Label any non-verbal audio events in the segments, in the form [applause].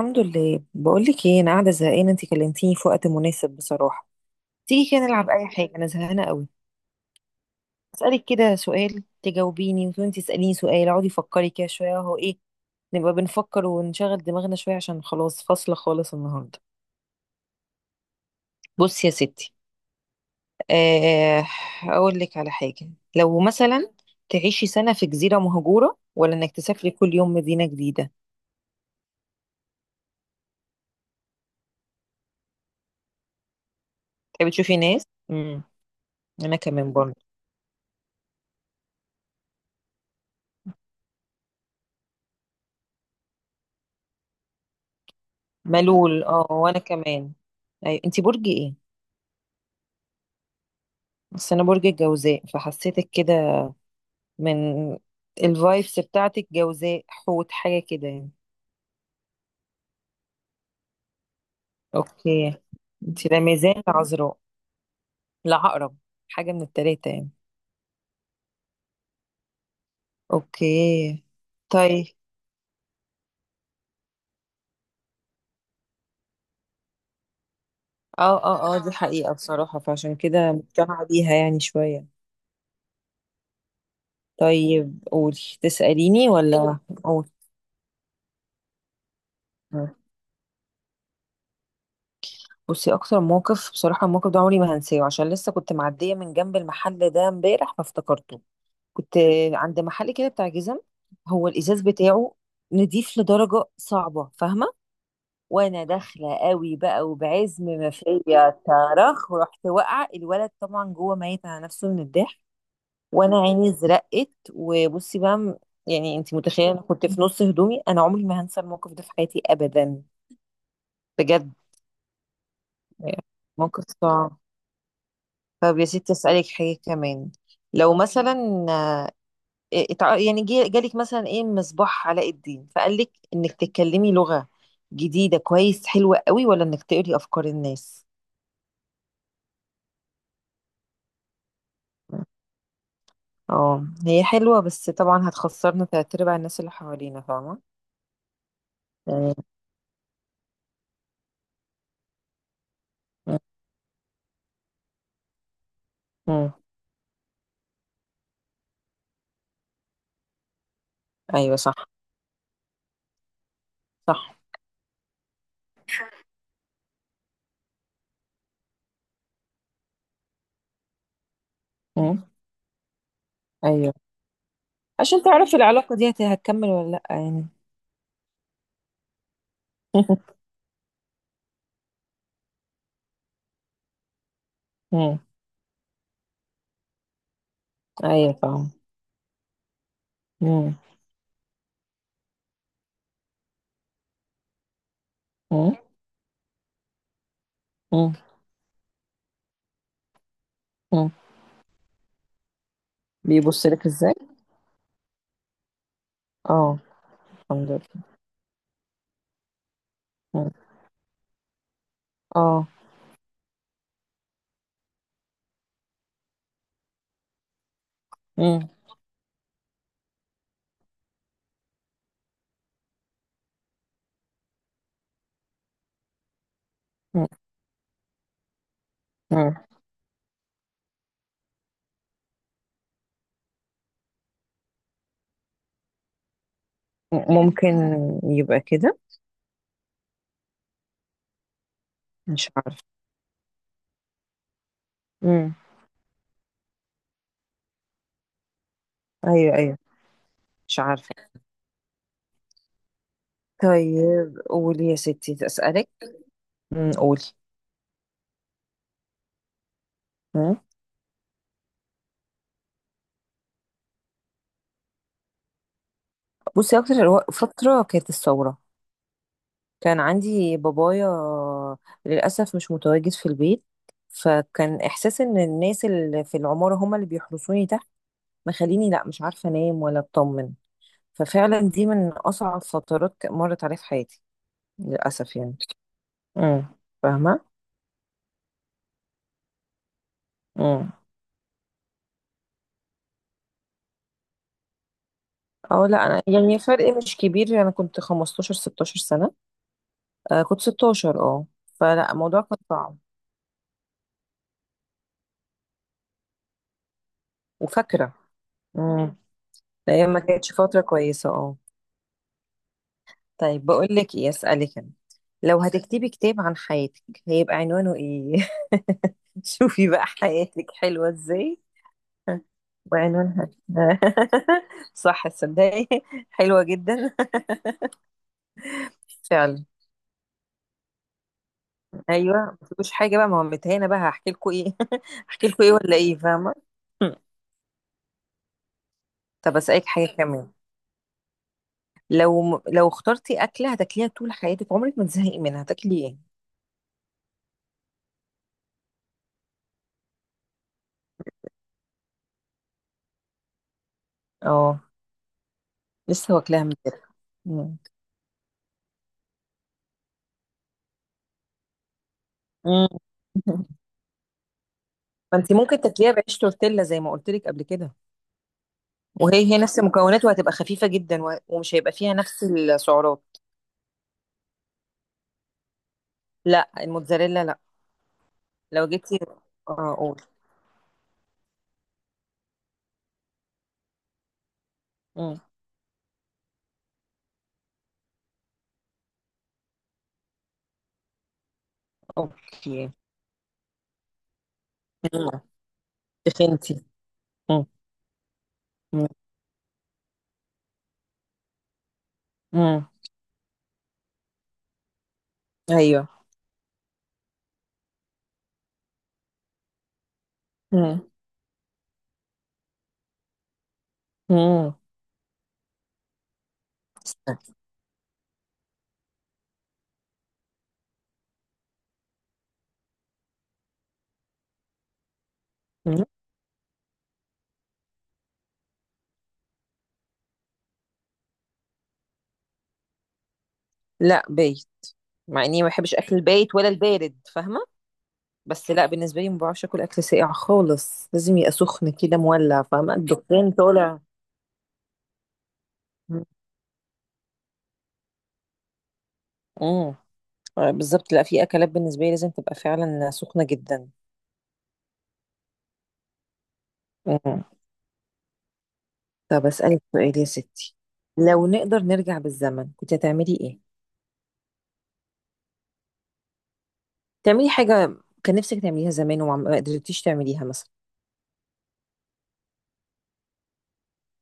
الحمد لله. بقول لك ايه، انا قاعده زهقانه، انت كلمتيني في وقت مناسب بصراحه. تيجي كده نلعب اي حاجه، انا زهقانه قوي. اسالك كده سؤال تجاوبيني وانت تساليني سؤال، اقعدي فكري كده شويه اهو ايه، نبقى بنفكر ونشغل دماغنا شويه عشان خلاص فاصله خالص النهارده. بصي يا ستي. آه اقول لك على حاجه. لو مثلا تعيشي سنه في جزيره مهجوره، ولا انك تسافري كل يوم مدينه جديده؟ تحبي تشوفي ناس. امم انا كمان برضه، ملول اه وانا كمان. ايوه، انت برج ايه؟ بس انا برج الجوزاء، فحسيتك كده من الفايبس بتاعتك جوزاء حوت حاجه كده يعني. اوكي. انت لا ميزان لا عذراء لا عقرب، حاجه من التلاته يعني. اوكي طيب. اه اه اه، دي حقيقه بصراحه، فعشان كده مقتنعه بيها يعني شويه. طيب، قولي تساليني ولا. قول. بصي، اكتر موقف بصراحه، الموقف ده عمري ما هنساه عشان لسه كنت معديه من جنب المحل ده امبارح فافتكرته. كنت عند محل كده بتاع جزم، هو الازاز بتاعه نضيف لدرجه صعبه فاهمه. وانا داخله قوي بقى وبعزم ما فيا صرخ، ورحت واقعه. الولد طبعا جوه ميت على نفسه من الضحك، وانا عيني زرقت وبصي بقى يعني انت متخيله، انا كنت في نص هدومي. انا عمري ما هنسى الموقف ده في حياتي ابدا بجد. يعني موقف صعب. طب يا ستي اسالك حاجه كمان. لو مثلا إيه، اتع- يعني جي- جالك مثلا ايه مصباح علاء الدين، فقال لك انك تتكلمي لغة جديدة كويس حلوة قوي، ولا انك تقري افكار الناس. اه هي حلوة، بس طبعا هتخسرنا تلات ارباع الناس اللي حوالينا فاهمة. مم. مم. ايوه صح. صح. مم. ايوه، عشان تعرفي العلاقة دي هتكمل ولا لأ يعني. [laughs] مم. ايوه فاهمة. مم. مم. مم. مم. بيبص لك ازاي؟ اه الحمد لله. مم. اه. مم. مم. ممكن يبقى كده. مش عارفة. امم. ايوه ايوه. مش عارفة. طيب قولي يا ستي اسألك. قولي. مم. بصي، اكتر فترة كانت الثورة. كان عندي بابايا للأسف مش متواجد في البيت، فكان إحساس إن الناس اللي في العمارة هما اللي بيحرسوني تحت، مخليني لأ مش عارفة أنام ولا أطمن. ففعلا دي من أصعب فترات مرت عليا في حياتي للأسف يعني. امم. فاهمة؟ مم. اه لا، انا يعني فرق مش كبير، انا كنت 15 16 سنة. آه كنت 16 اه. فلا الموضوع كان صعب. وفاكرة. امم. الايام ما كانتش فترة كويسة اه. طيب بقول لك ايه، اسألك انا. لو هتكتبي كتاب عن حياتك هيبقى عنوانه ايه؟ [laughs] شوفي بقى حياتك حلوة ازاي وعنوانها. [laughs] صح تصدقي. حلوة جدا فعلا. ايوه، مفيش حاجة بقى، ما هو متهانة بقى هحكي لكم ايه؟ [laughs] هحكي لكم ايه ولا ايه فاهمة. [laughs] طب اسالك حاجه كمان. لو اخترتي اكله هتاكليها طول حياتك، عمرك ما تزهقي منها، هتاكلي ايه؟ اه لسه واكلاها من كده. مم. مم. [laughs] ما انت ممكن تاكليها بعيش تورتيلا زي ما قلت لك قبل كده، وهي هي نفس المكونات وهتبقى خفيفه جدا ومش هيبقى فيها نفس السعرات. لا الموتزاريلا لا. لو جبتي. اه قول. مم. اوكي. مم. تخنتي. مم. مم. مم. ايوه. مم. مم. استنى. مم. لا بايت. مع اني ما بحبش اكل البايت ولا البارد فاهمه. بس لا، بالنسبه لي ما بعرفش اكل اكل ساقع خالص، لازم يبقى سخن كده مولع فاهمه، الدخان طالع. امم. بالظبط. لا، في اكلات بالنسبه لي لازم تبقى فعلا سخنه جدا. امم. طب اسالك سؤال يا ستي. لو نقدر نرجع بالزمن كنت هتعملي ايه؟ تعملي حاجه كان نفسك تعمليها زمان وما ما قدرتيش تعمليها مثلا.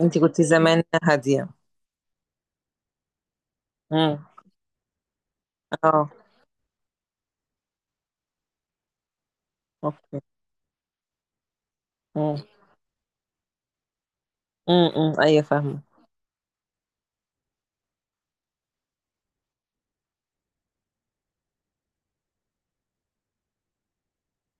انت كنت زمان هاديه؟ امم. اه. اوكي. امم. ايوه فاهمه.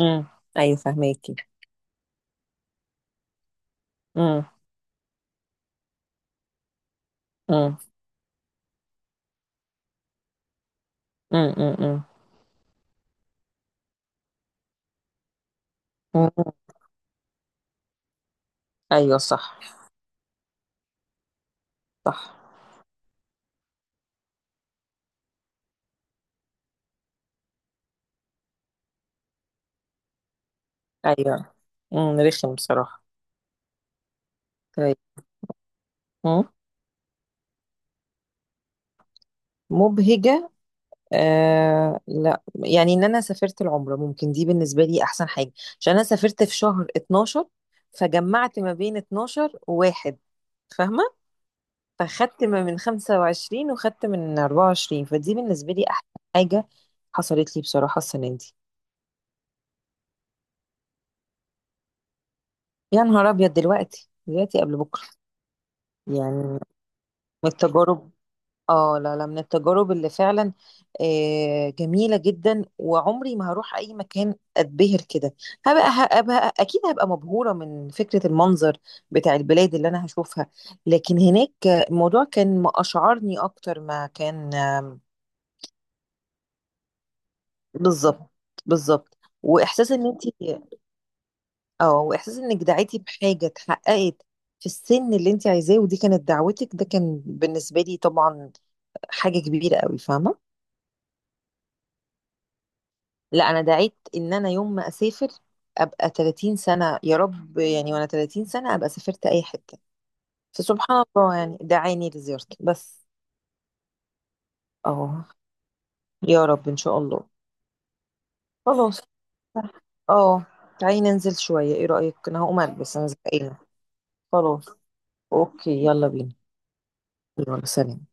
امم. ايوه فاهماكي. امم. امم. امم. امم. ايوه صح. صح. ايوه. رخم بصراحه. طيب. امم مبهجه. آه لا، يعني ان انا سافرت العمره، ممكن دي بالنسبه لي احسن حاجه. عشان انا سافرت في شهر 12، فجمعت ما بين 12 وواحد فاهمه. فخدت ما من 25 وخدت من 24، فدي بالنسبه لي احسن حاجه حصلت لي بصراحه السنه دي. يا نهار ابيض، دلوقتي دلوقتي قبل بكره. يعني من التجارب، اه لا لا، من التجارب اللي فعلا آه، جميلة جدا، وعمري ما هروح أي مكان أتبهر كده. هبقى, هبقى أكيد هبقى مبهورة من فكرة المنظر بتاع البلاد اللي أنا هشوفها. لكن هناك الموضوع كان ما أشعرني أكتر ما كان. آم، بالظبط. بالظبط، وإحساس إن أنت. اه، وإحساس إنك دعيتي بحاجة اتحققت في السن اللي أنت عايزاه، ودي كانت دعوتك، ده كان بالنسبة لي طبعا حاجة كبيرة قوي فاهمة. لا، انا دعيت ان انا يوم ما اسافر ابقى 30 سنه يا رب، يعني وانا 30 سنه ابقى سافرت اي حته. فسبحان الله يعني دعاني لزيارته بس. اه يا رب ان شاء الله. خلاص اه. تعالي ننزل شويه، ايه رايك؟ انا هقوم البس، انا زهقانه. خلاص. اوكي، يلا بينا. يلا سلام.